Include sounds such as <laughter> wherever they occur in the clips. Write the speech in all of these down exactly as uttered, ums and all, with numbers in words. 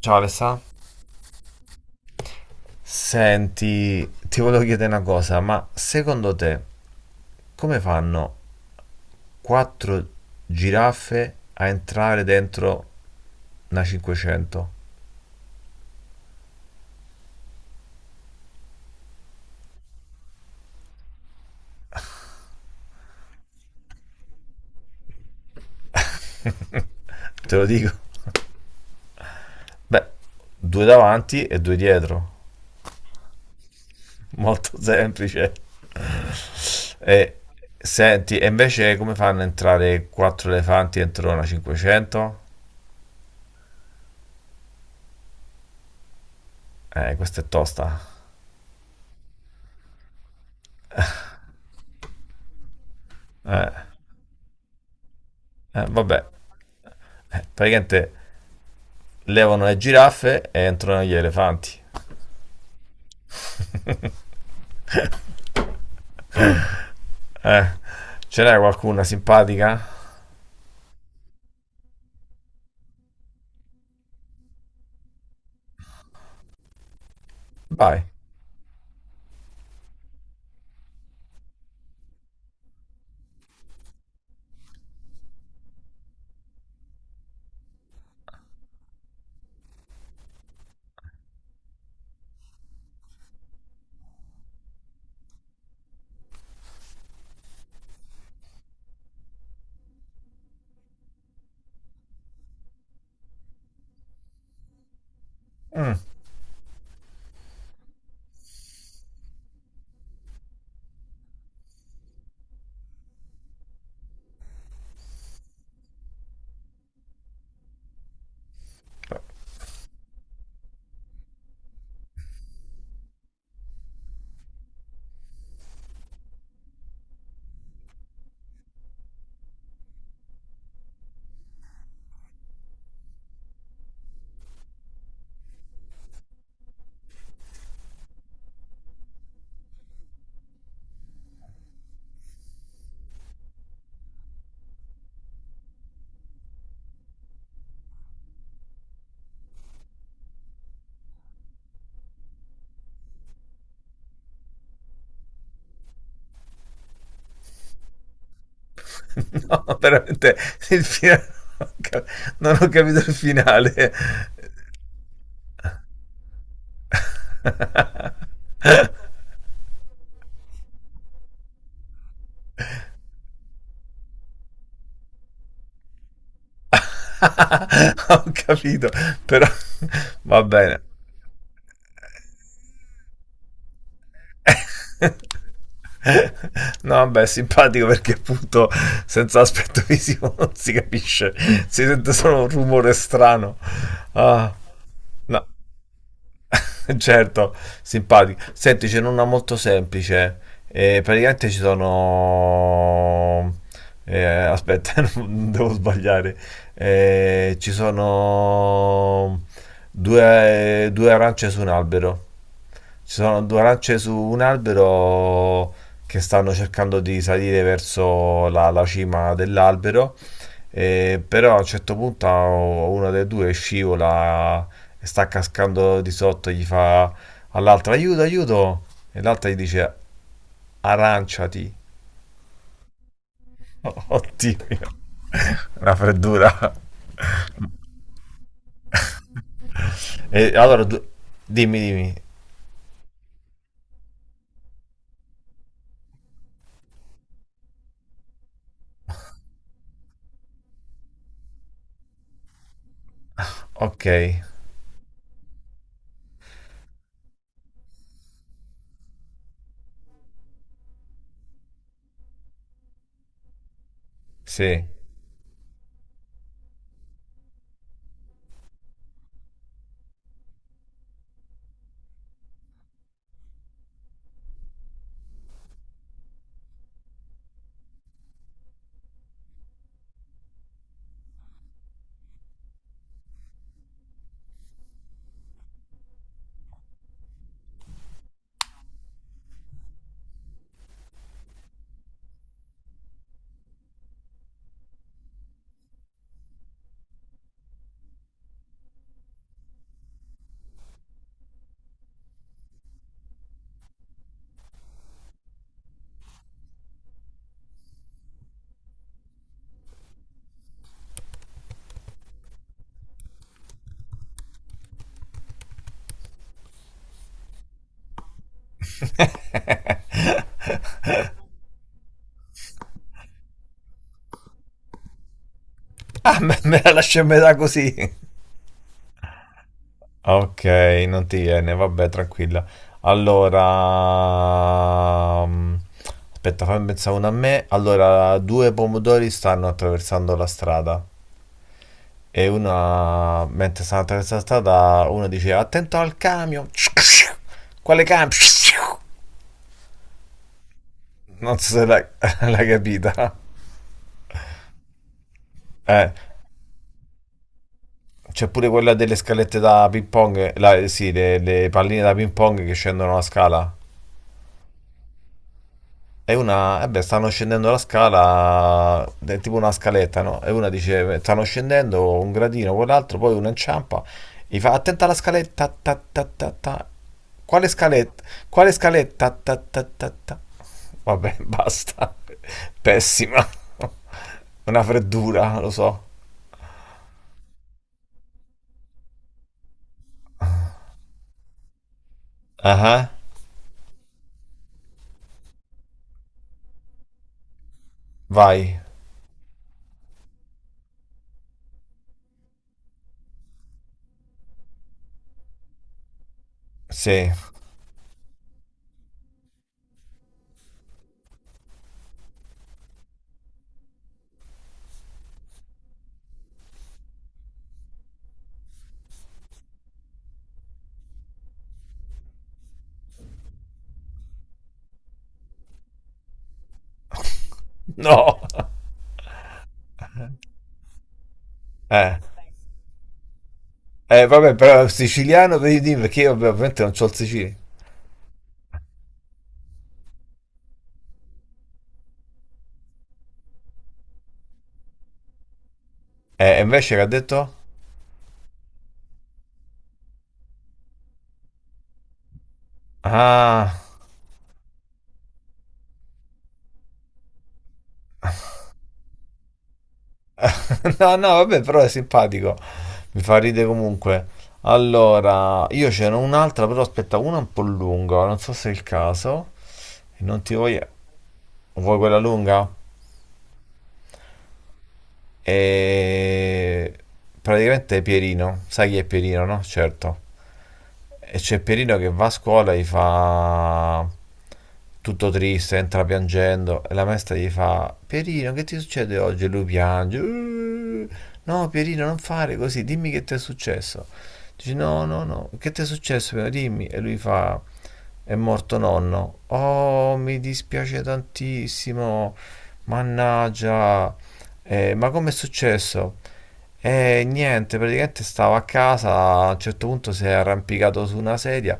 Ciao Alessà. Senti, ti volevo chiedere una cosa, ma secondo te come fanno quattro giraffe a entrare dentro una cinquecento? Te lo dico. Beh, due davanti e due dietro. Molto semplice. E senti, e invece come fanno a entrare quattro elefanti dentro una cinquecento? Eh, questa è tosta. Eh, eh, vabbè, Eh, praticamente levano le giraffe e entrano gli elefanti. Ce n'è qualcuna simpatica? Vai. <laughs> No, veramente il finale. Non ho capito il finale. <laughs> Ho capito, però <laughs> va bene. No, vabbè, è simpatico perché appunto senza aspetto visivo <laughs> non si capisce, si sente solo un rumore strano. Ah, no, <laughs> certo, simpatico. Senti, ce n'è una molto semplice. Eh, praticamente ci sono... eh, aspetta, <laughs> non devo sbagliare. Eh, ci sono due, due arance su un albero. Ci sono due arance su un albero che stanno cercando di salire verso la, la cima dell'albero, eh, però a un certo punto a- una delle due scivola e sta cascando di sotto, gli fa all'altra aiuto, aiuto, e l'altra gli dice aranciati. <laughs> Oddio, una freddura. E allora du- dimmi, dimmi. Ok, sì. <laughs> Ah, me, me la lascio a metà così. Ok, non ti viene, vabbè, tranquilla. Allora, mm, aspetta, fammi pensare una a me. Allora, due pomodori stanno attraversando la strada e una, mentre stanno attraversando la strada, uno dice attento al camion. Quale camion? Non so se l'hai <laughs> l'hai capita. Eh, C'è pure quella delle scalette da ping pong, la- sì, le, le palline da ping pong che scendono la scala. E una, eh beh, stanno scendendo la scala, è tipo una scaletta, no? E una dice, stanno scendendo un gradino, quell'altro, poi uno inciampa, gli fa, attenta alla scaletta, ta, ta, ta, ta. Quale scaletta? Quale scaletta? Ta, ta, ta, ta. Vabbè, <laughs> basta. Pessima. Una freddura, lo so. Ah, uh-huh. Vai. Sì. No. <laughs> Eh. Eh, vabbè, però è siciliano, vedi, perché io vabbè, ovviamente non c'ho il siciliano. Eh, e invece che ha detto? Ah... <laughs> No, no, vabbè, però è simpatico. Mi fa ridere comunque. Allora, io c'era un'altra, però aspetta, una un po' lunga, non so se è il caso. E non ti voglio... Vuoi quella lunga? E... Praticamente è Pierino. Sai chi è Pierino, no? Certo. E c'è Pierino che va a scuola e gli fa tutto triste, entra piangendo e la maestra gli fa Pierino, che ti succede oggi? E lui piange. "Uh, No, Pierino, non fare così, dimmi che ti è successo. Dice no, no, no, che ti è successo? Pierino? Dimmi. E lui fa è morto nonno. Oh, mi dispiace tantissimo. Mannaggia. "Eh, ma com'è successo? E niente, praticamente stavo a casa, a un certo punto si è arrampicato su una sedia.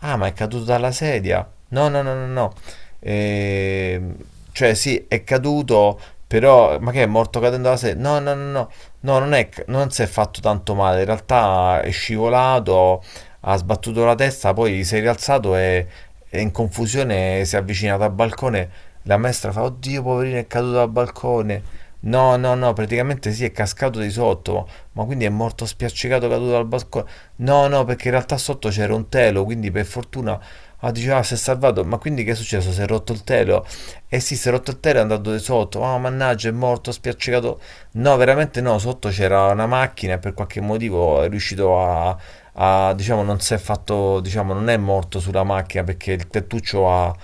Ah, ma è caduto dalla sedia? No, no, no, no, no. Ehm, cioè, sì, è caduto, però... Ma che è morto cadendo dalla sedia? No, no, no, no. No, non è, ca- non si è fatto tanto male. In realtà è scivolato, ha sbattuto la testa, poi si è rialzato e, e in confusione si è avvicinato al balcone. La maestra fa, oddio, poverino, è caduto dal balcone. No, no, no, praticamente sì, è cascato di sotto, ma quindi è morto spiaccicato, caduto dal balcone. No, no, perché in realtà sotto c'era un telo, quindi per fortuna... Ah, diceva, ah, si è salvato, ma quindi che è successo? Si è rotto il telo? Eh sì, si è rotto il telo e è andato di sotto. Ah, oh, mannaggia, è morto, spiaccicato. No, veramente no, sotto c'era una macchina e per qualche motivo è riuscito a, a, diciamo, non si è fatto, diciamo, non è morto sulla macchina perché il tettuccio ha,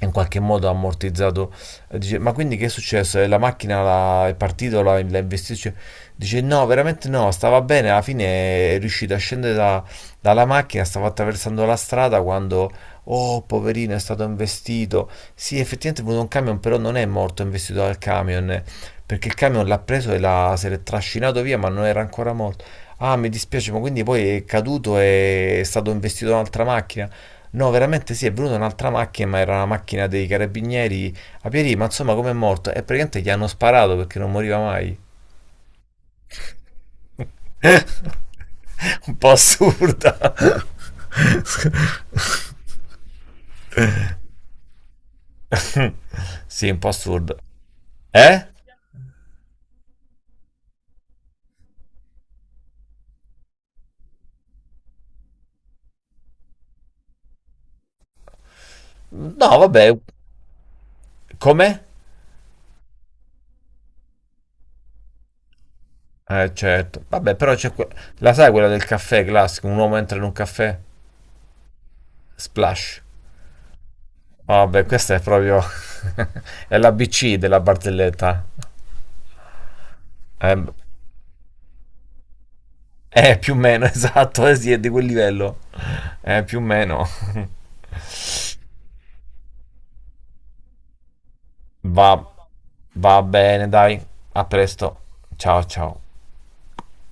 in qualche modo ha ammortizzato. Eh, Dice, ma quindi che è successo? Eh, La macchina la- è partita, la- l'ha investito? Cioè, dice, no, veramente no, stava bene, alla fine è riuscita a scendere da- dalla macchina, stava attraversando la strada quando, oh, poverino, è stato investito. Sì, effettivamente è venuto un camion, però non è morto, è investito dal camion, eh, perché il camion l'ha preso e l'ha, se l'è trascinato via, ma non era ancora morto. Ah, mi dispiace, ma quindi poi è caduto e è stato investito da un'altra macchina? No, veramente sì, è venuta un'altra macchina, ma era una macchina dei carabinieri a Pierì, ma insomma come è morto? E praticamente gli hanno sparato perché non moriva mai. <laughs> Un po' assurda. <laughs> Sì, un po' assurdo. Eh? No, vabbè, come? Eh, certo. Vabbè, però c'è que- la sai quella del caffè classico, un uomo entra in un caffè, splash. Vabbè, questa è proprio <laughs> è l'A B C della barzelletta. Eh, Eh, più o meno, <laughs> esatto, eh, sì, è di quel livello. Eh, più o meno. Va, va bene, dai. A presto. Ciao, ciao.